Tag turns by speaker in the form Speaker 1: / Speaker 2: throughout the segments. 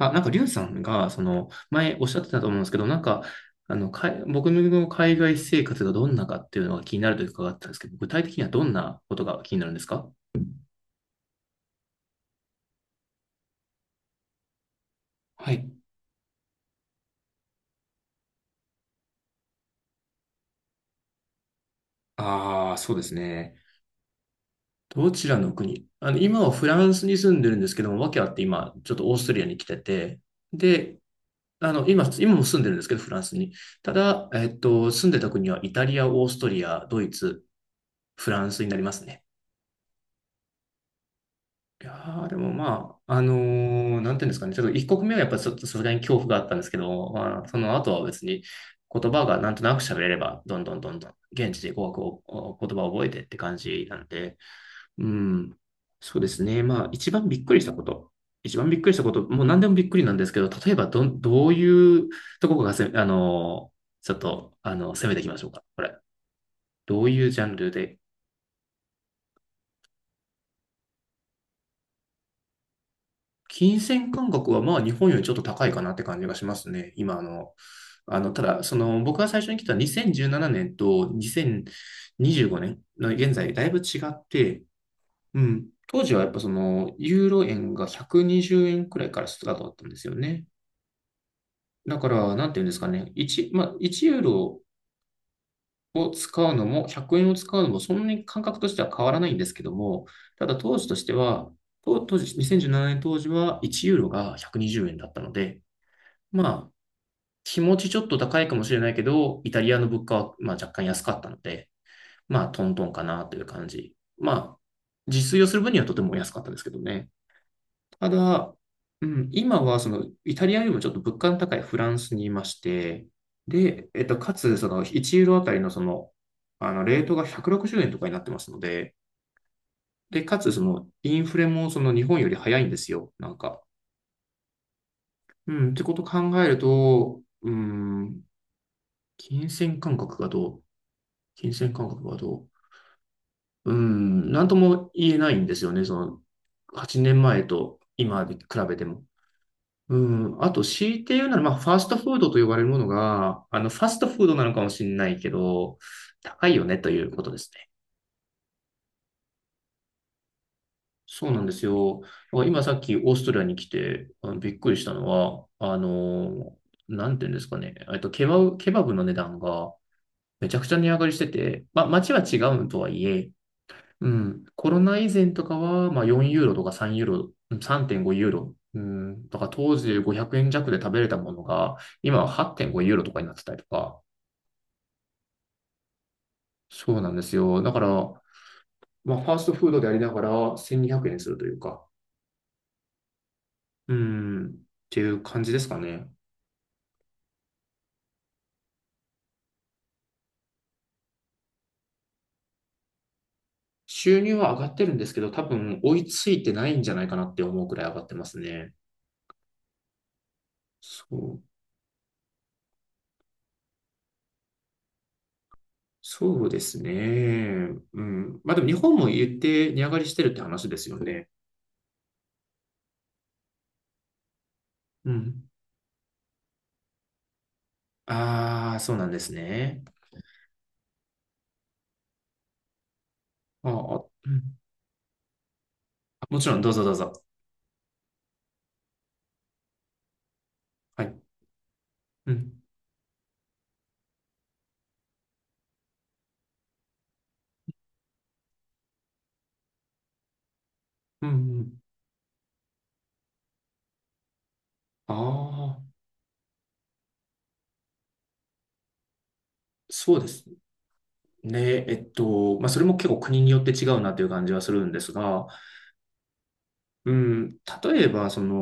Speaker 1: あ、なんか、リュウさんが、その、前おっしゃってたと思うんですけど、僕の海外生活がどんなかっていうのが気になると伺ったんですけど、具体的にはどんなことが気になるんですか？はい。ああ、そうですね。どちらの国あの、今はフランスに住んでるんですけども、訳あって今、ちょっとオーストリアに来てて、で、今も住んでるんですけど、フランスに。ただ、住んでた国はイタリア、オーストリア、ドイツ、フランスになりますね。いやーでもまあ、なんていうんですかね、ちょっと一刻目はやっぱちょっとさすがに恐怖があったんですけど、まあ、その後は別に言葉がなんとなく喋れれば、どんどんどんどん現地で語学を、お言葉を覚えてって感じなんで、うん、そうですね。まあ、一番びっくりしたこと、もう何でもびっくりなんですけど、例えばどん、どういうとこがせ、あのーちょっと、攻めていきましょうか、これ。どういうジャンルで？金銭感覚はまあ日本よりちょっと高いかなって感じがしますね。今あの、あの、ただ、その僕が最初に来た2017年と2025年の現在だいぶ違って、うん、当時はやっぱそのユーロ円が120円にじゅうえんくらいからスタートだったんですよね。だから、なんていうんですかね、1、まあ、1ユーロを使うのも100円を使うのもそんなに感覚としては変わらないんですけども、ただ当時としては、当時、2017年当時は1ユーロが120円だったので、まあ、気持ちちょっと高いかもしれないけど、イタリアの物価はまあ若干安かったので、まあ、トントンかなという感じ。まあ、自炊をする分にはとても安かったですけどね。ただ、うん、今はそのイタリアよりもちょっと物価の高いフランスにいまして、で、かつ、その1ユーロあたりのその、レートが160円とかになってますので、で、かつ、その、インフレもその日本より早いんですよ、なんか。うん、ってことを考えると、うん、金銭感覚がどう金銭感覚はどうなんとも言えないんですよね。その、8年前と今で比べても。うん、あと、強いて言うなら、まあ、ファストフードと呼ばれるものが、ファストフードなのかもしれないけど、高いよねということですね。そうなんですよ。今さっきオーストラリアに来て、びっくりしたのは、なんていうんですかね。ケバブの値段がめちゃくちゃ値上がりしてて、まあ、街は違うとはいえ、うん、コロナ以前とかは、まあ、4ユーロとか3ユーロ、うん3.5ユーロ、うん、とか当時500円弱で食べれたものが、今は8.5ユーロとかになってたりとか、そうなんですよ。だから、まあ、ファーストフードでありながら1200円するというか、うん、っていう感じですかね。収入は上がってるんですけど、多分追いついてないんじゃないかなって思うくらい上がってますね。そう、そうですね。うん。まあでも日本も言って値上がりしてるって話ですよね。うん。ああ、そうなんですね。ああ、うん。もちろん、どうぞどうぞ。はい。うん。うん、うん。ああ、そうですね。まあ、それも結構国によって違うなという感じはするんですが、うん、例えば、その、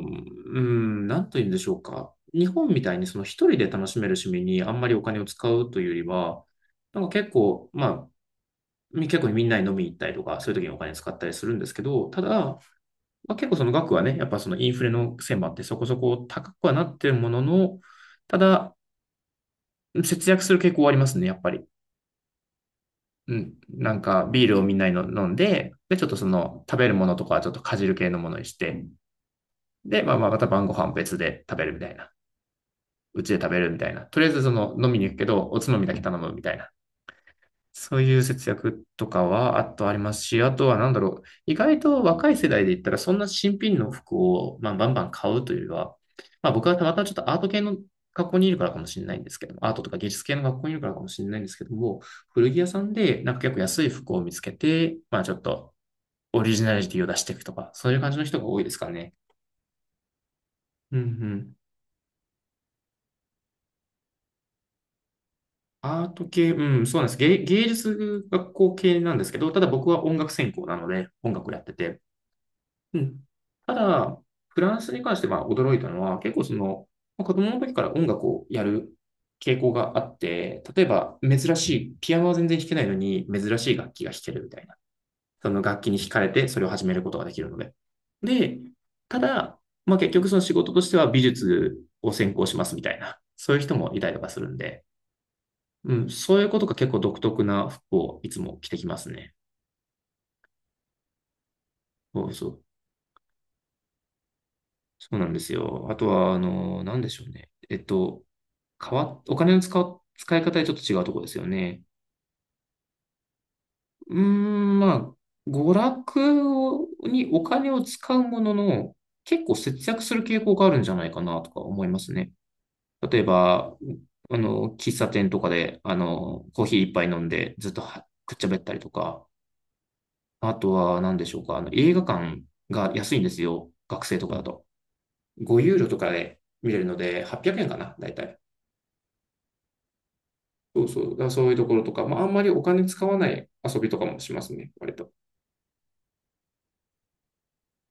Speaker 1: うん、なんと言うんでしょうか。日本みたいに、その一人で楽しめる趣味にあんまりお金を使うというよりは、なんか結構、まあ、結構みんなに飲みに行ったりとか、そういう時にお金使ったりするんですけど、ただ、まあ、結構その額はね、やっぱそのインフレの線もあってそこそこ高くはなってるものの、ただ、節約する傾向はありますね、やっぱり。うん。なんか、ビールをみんなに飲んで、で、ちょっとその、食べるものとかはちょっとかじる系のものにして、で、まあまあ、また晩ご飯別で食べるみたいな。うちで食べるみたいな。とりあえずその、飲みに行くけど、おつまみだけ頼むみたいな。そういう節約とかは、あとありますし、あとはなんだろう、意外と若い世代で言ったら、そんな新品の服を、まあ、バンバン買うというよりは、まあ、僕はたまたまちょっとアート系の学校にいるからかもしれないんですけども、アートとか芸術系の学校にいるからかもしれないんですけども、古着屋さんでなんか結構安い服を見つけて、まあ、ちょっとオリジナリティを出していくとか、そういう感じの人が多いですからね。うんうん。アート系、うん、そうなんです。芸術学校系なんですけど、ただ僕は音楽専攻なので、音楽をやってて、うん。ただ、フランスに関しては驚いたのは、結構その、まあ子供の時から音楽をやる傾向があって、例えば珍しい、ピアノは全然弾けないのに珍しい楽器が弾けるみたいな。その楽器に惹かれてそれを始めることができるので。で、ただ、まあ結局その仕事としては美術を専攻しますみたいな、そういう人もいたりとかするんで、うん、そういうことが結構独特な服をいつも着てきますね。そうそう。そうなんですよ。あとは、なんでしょうね。変わっ、お金の使い方でちょっと違うところですよね。うーん、まあ、娯楽にお金を使うものの、結構節約する傾向があるんじゃないかなとか思いますね。例えば、喫茶店とかで、コーヒー一杯飲んでずっとはくっちゃべったりとか、あとは何でしょうか、映画館が安いんですよ。学生とかだと。5ユーロとかで見れるので、800円かな、だいたい。そうそう。だからそういうところとか、まあ、あんまりお金使わない遊びとかもしますね、割と。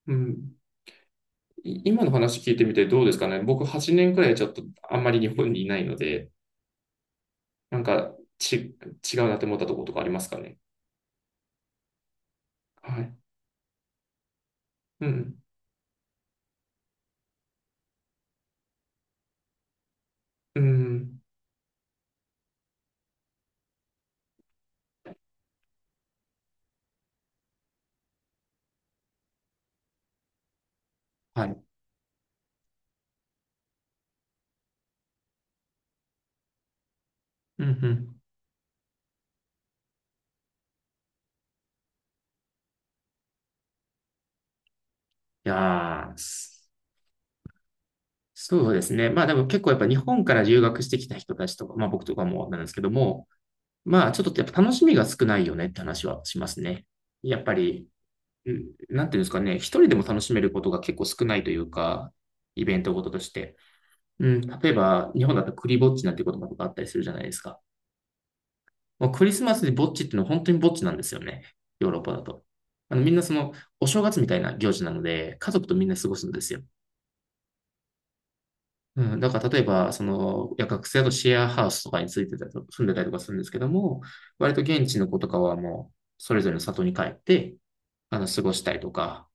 Speaker 1: うん。今の話聞いてみてどうですかね。僕8年くらいちょっとあんまり日本にいないので、なんか、違うなって思ったところとかありますかね。はい。うん。うん。はい。うんうん。いやー、そうですね。まあでも結構やっぱ日本から留学してきた人たちとか、まあ僕とかもなんですけども、まあちょっとやっぱ楽しみが少ないよねって話はしますね。やっぱりうんなんていうんですかね、一人でも楽しめることが結構少ないというか、イベントごととして。うん、例えば、日本だとクリぼっちなんて言葉とかあったりするじゃないですか。もうクリスマスでぼっちっていうのは本当にぼっちなんですよね。ヨーロッパだと。みんなお正月みたいな行事なので、家族とみんな過ごすんですよ。うん、だから例えば、学生だとシェアハウスとかについてたりと、住んでたりとかするんですけども、割と現地の子とかはもう、それぞれの里に帰って、過ごしたりとか、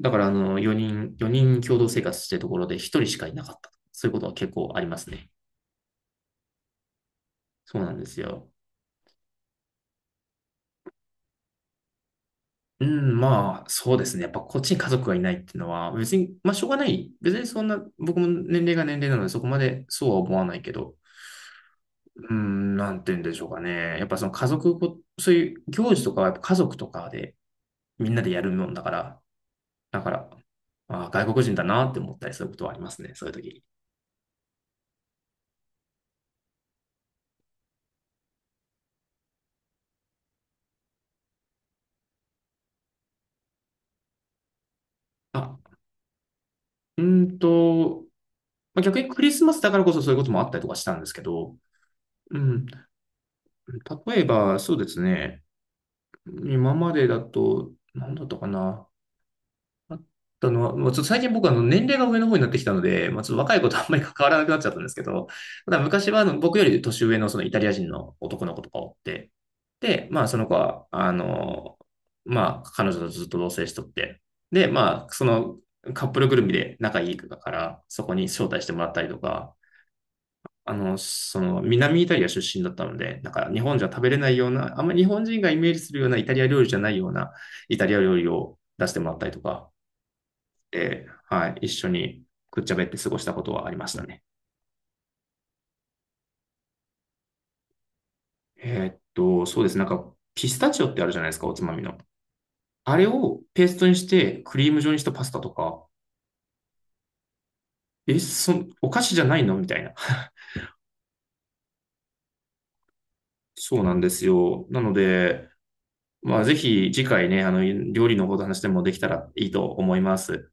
Speaker 1: だから、4人、4人共同生活してるところで1人しかいなかった。そういうことは結構ありますね。そうなんですよ。うん、まあ、そうですね。やっぱこっちに家族がいないっていうのは、別に、まあ、しょうがない。別にそんな、僕も年齢が年齢なので、そこまでそうは思わないけど、うん、なんて言うんでしょうかね。やっぱその家族ご、そういう行事とかはやっぱ家族とかでみんなでやるもんだから、だから、あ、外国人だなって思ったりすることはありますね。そういう時に。あ、うーんと、まあ、逆にクリスマスだからこそそういうこともあったりとかしたんですけど、うん。例えば、そうですね。今までだと、何だったかな。あったのは、まあ、ちょっと最近僕は年齢が上の方になってきたので、まあ、ちょっと若い子とあんまり関わらなくなっちゃったんですけど、ただ昔は僕より年上のそのイタリア人の男の子とかおって、で、まあその子は、あの、まあ彼女とずっと同棲しとって、で、まあそのカップルぐるみで仲いいから、そこに招待してもらったりとか、南イタリア出身だったので、なんか日本じゃ食べれないような、あんまり日本人がイメージするようなイタリア料理じゃないようなイタリア料理を出してもらったりとか、で、はい、一緒にくっちゃべって過ごしたことはありましたね。そうです。なんか、ピスタチオってあるじゃないですか、おつまみの。あれをペーストにして、クリーム状にしたパスタとか、お菓子じゃないのみたいな。そうなんですよ。なので、まあ、ぜひ次回ね、料理のこと話でもできたらいいと思います。